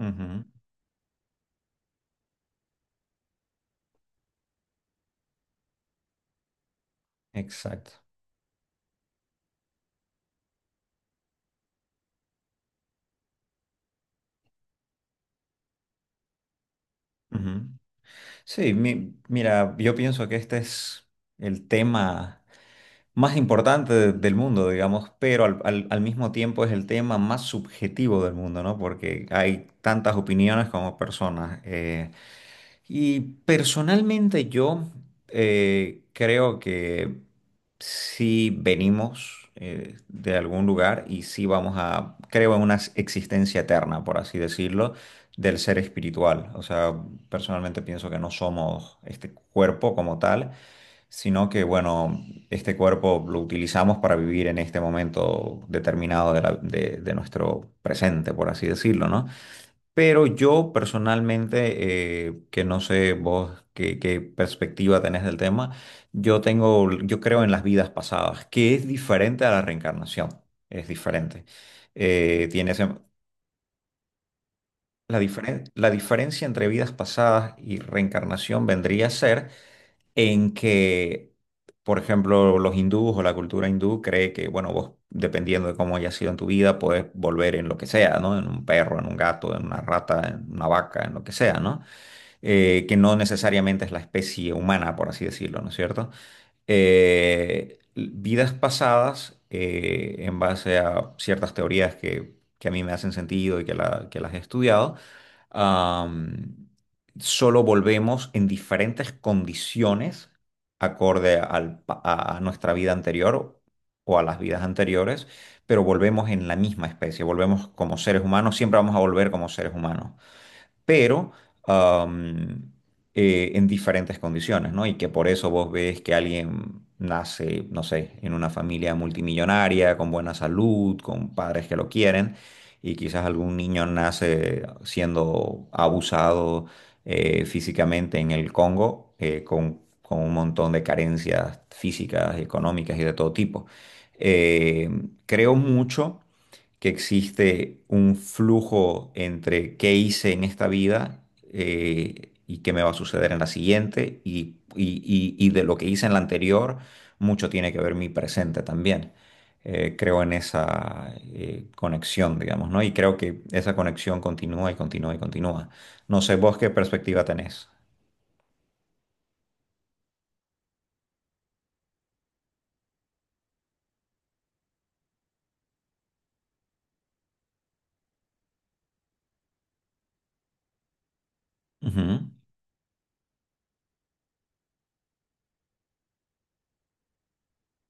Ujú. Exacto. Ujú. Sí, mira, yo pienso que este es el tema más importante del mundo, digamos, pero al mismo tiempo es el tema más subjetivo del mundo, ¿no? Porque hay tantas opiniones como personas. Y personalmente yo creo que si venimos de algún lugar y si vamos a, creo en una existencia eterna, por así decirlo, del ser espiritual. O sea, personalmente pienso que no somos este cuerpo como tal, sino que, bueno, este cuerpo lo utilizamos para vivir en este momento determinado de, de nuestro presente, por así decirlo, ¿no? Pero yo personalmente, que no sé vos qué, qué perspectiva tenés del tema, yo tengo, yo creo en las vidas pasadas, que es diferente a la reencarnación, es diferente. Eh, tiene ese- la diferencia entre vidas pasadas y reencarnación vendría a ser en que, por ejemplo, los hindúes o la cultura hindú cree que, bueno, vos, dependiendo de cómo haya sido en tu vida, puedes volver en lo que sea, ¿no? En un perro, en un gato, en una rata, en una vaca, en lo que sea, ¿no? Que no necesariamente es la especie humana, por así decirlo, ¿no es cierto? Vidas pasadas, en base a ciertas teorías que a mí me hacen sentido y que, que las he estudiado, am, solo volvemos en diferentes condiciones acorde a nuestra vida anterior o a las vidas anteriores, pero volvemos en la misma especie, volvemos como seres humanos, siempre vamos a volver como seres humanos, pero am, en diferentes condiciones, ¿no? Y que por eso vos ves que alguien nace, no sé, en una familia multimillonaria, con buena salud, con padres que lo quieren, y quizás algún niño nace siendo abusado físicamente en el Congo, con un montón de carencias físicas, económicas y de todo tipo. Eh, Creo mucho que existe un flujo entre qué hice en esta vida y qué me va a suceder en la siguiente y, y de lo que hice en la anterior, mucho tiene que ver mi presente también. Creo en esa conexión, digamos, ¿no? Y creo que esa conexión continúa y continúa y continúa. No sé vos qué perspectiva tenés. Ujú,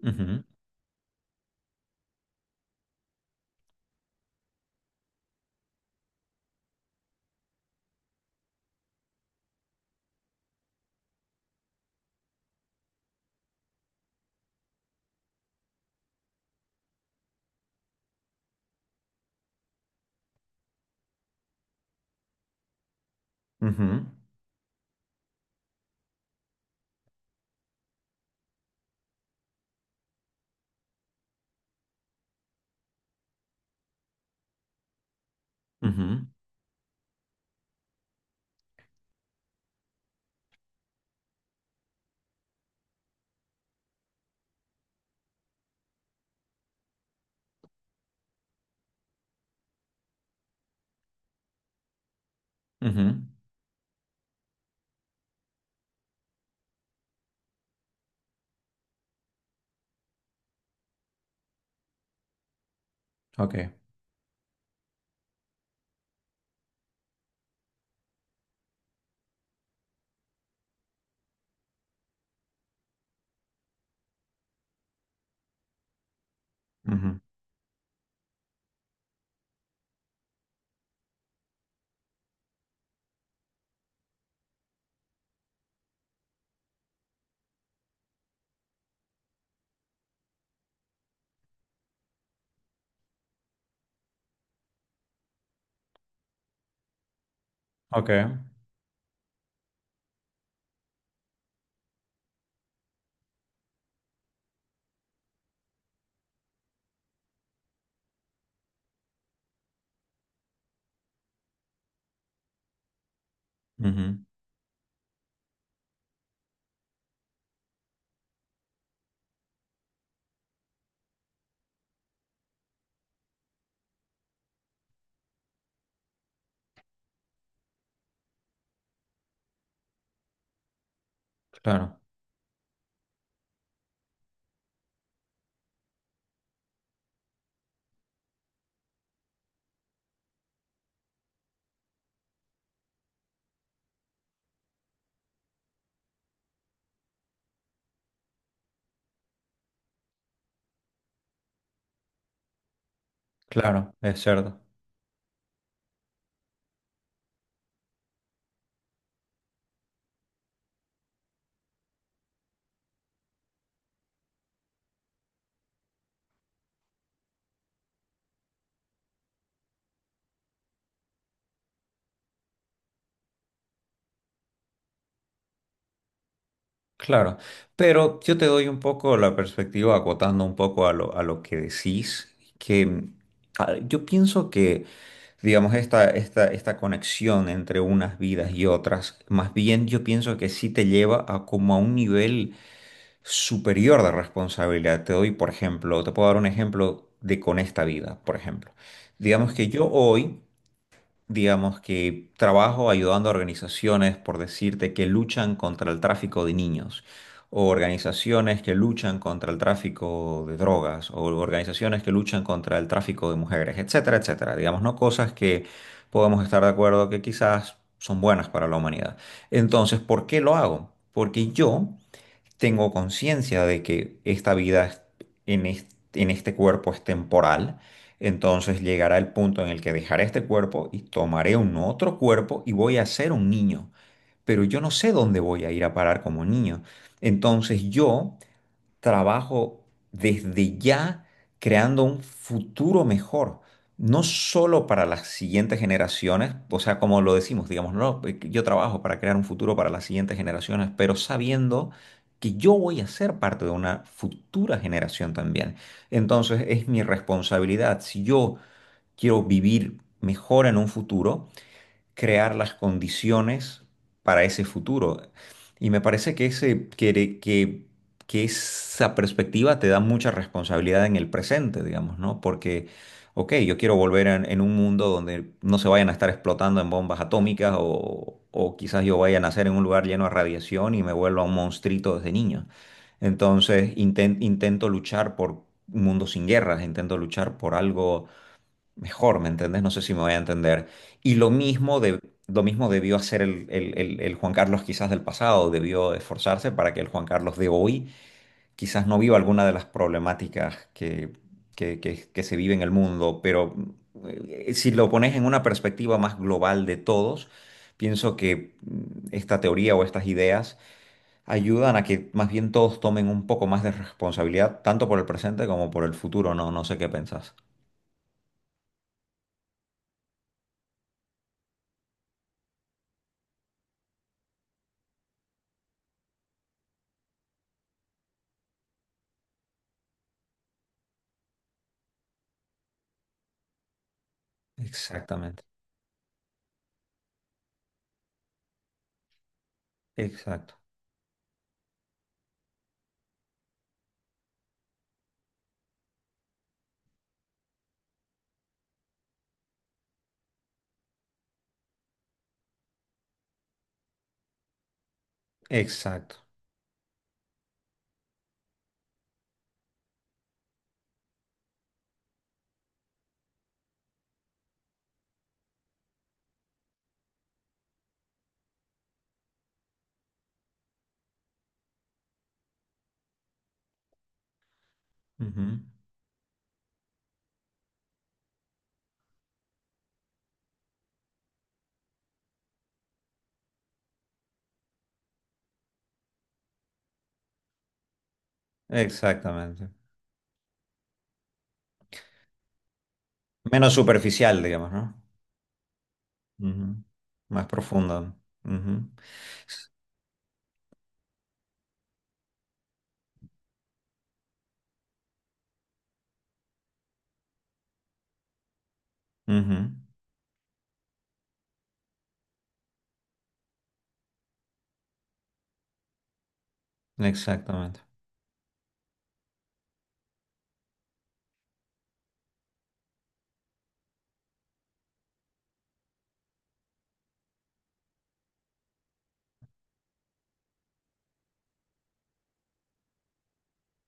ujú, ujú, ujú, ujú. Ok, ujú, ok, ujú. Claro, claro, es cierto. Claro, pero yo te doy un poco la perspectiva, acotando un poco a lo que decís, que yo pienso que, digamos, esta conexión entre unas vidas y otras, más bien yo pienso que sí te lleva a como a un nivel superior de responsabilidad. Te doy, por ejemplo, te puedo dar un ejemplo de con esta vida, por ejemplo. Digamos que yo hoy digamos que trabajo ayudando a organizaciones, por decirte, que luchan contra el tráfico de niños, o organizaciones que luchan contra el tráfico de drogas, o organizaciones que luchan contra el tráfico de mujeres, etcétera, etcétera. Digamos, no cosas que podemos estar de acuerdo que quizás son buenas para la humanidad. Entonces, ¿por qué lo hago? Porque yo tengo conciencia de que en en este cuerpo es temporal, entonces llegará el punto en el que dejaré este cuerpo y tomaré un otro cuerpo y voy a ser un niño, pero yo no sé dónde voy a ir a parar como niño. Entonces yo trabajo desde ya creando un futuro mejor, no solo para las siguientes generaciones, o sea, como lo decimos, digamos, no, yo trabajo para crear un futuro para las siguientes generaciones, pero sabiendo que yo voy a ser parte de una futura generación también. Entonces es mi responsabilidad, si yo quiero vivir mejor en un futuro, crear las condiciones para ese futuro. Y me parece que, que esa perspectiva te da mucha responsabilidad en el presente, digamos, ¿no? Porque, ok, yo quiero volver en un mundo donde no se vayan a estar explotando en bombas atómicas o quizás yo vaya a nacer en un lugar lleno de radiación y me vuelva un monstruito desde niño. Entonces, intento luchar por un mundo sin guerras, intento luchar por algo mejor, ¿me entendés? No sé si me voy a entender. Y lo mismo, de, lo mismo debió hacer el Juan Carlos quizás del pasado, debió esforzarse para que el Juan Carlos de hoy quizás no viva alguna de las problemáticas que, que se vive en el mundo, pero si lo pones en una perspectiva más global de todos, pienso que esta teoría o estas ideas ayudan a que más bien todos tomen un poco más de responsabilidad, tanto por el presente como por el futuro, ¿no? No sé qué pensás. Exactamente. Exacto. Exacto. Ujú. Exactamente. Menos superficial, digamos, ¿no? Ujú. Más profundo, ¿no? Ujú. Ujú. Exactamente.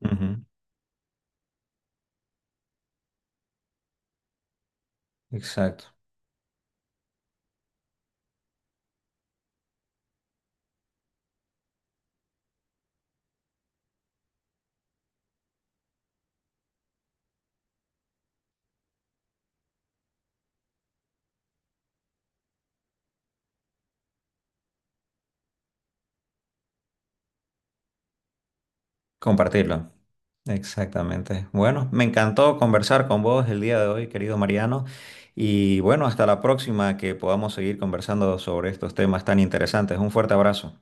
Ujú. Exacto. Compartirlo. Exactamente. Bueno, me encantó conversar con vos el día de hoy, querido Mariano. Y bueno, hasta la próxima que podamos seguir conversando sobre estos temas tan interesantes. Un fuerte abrazo.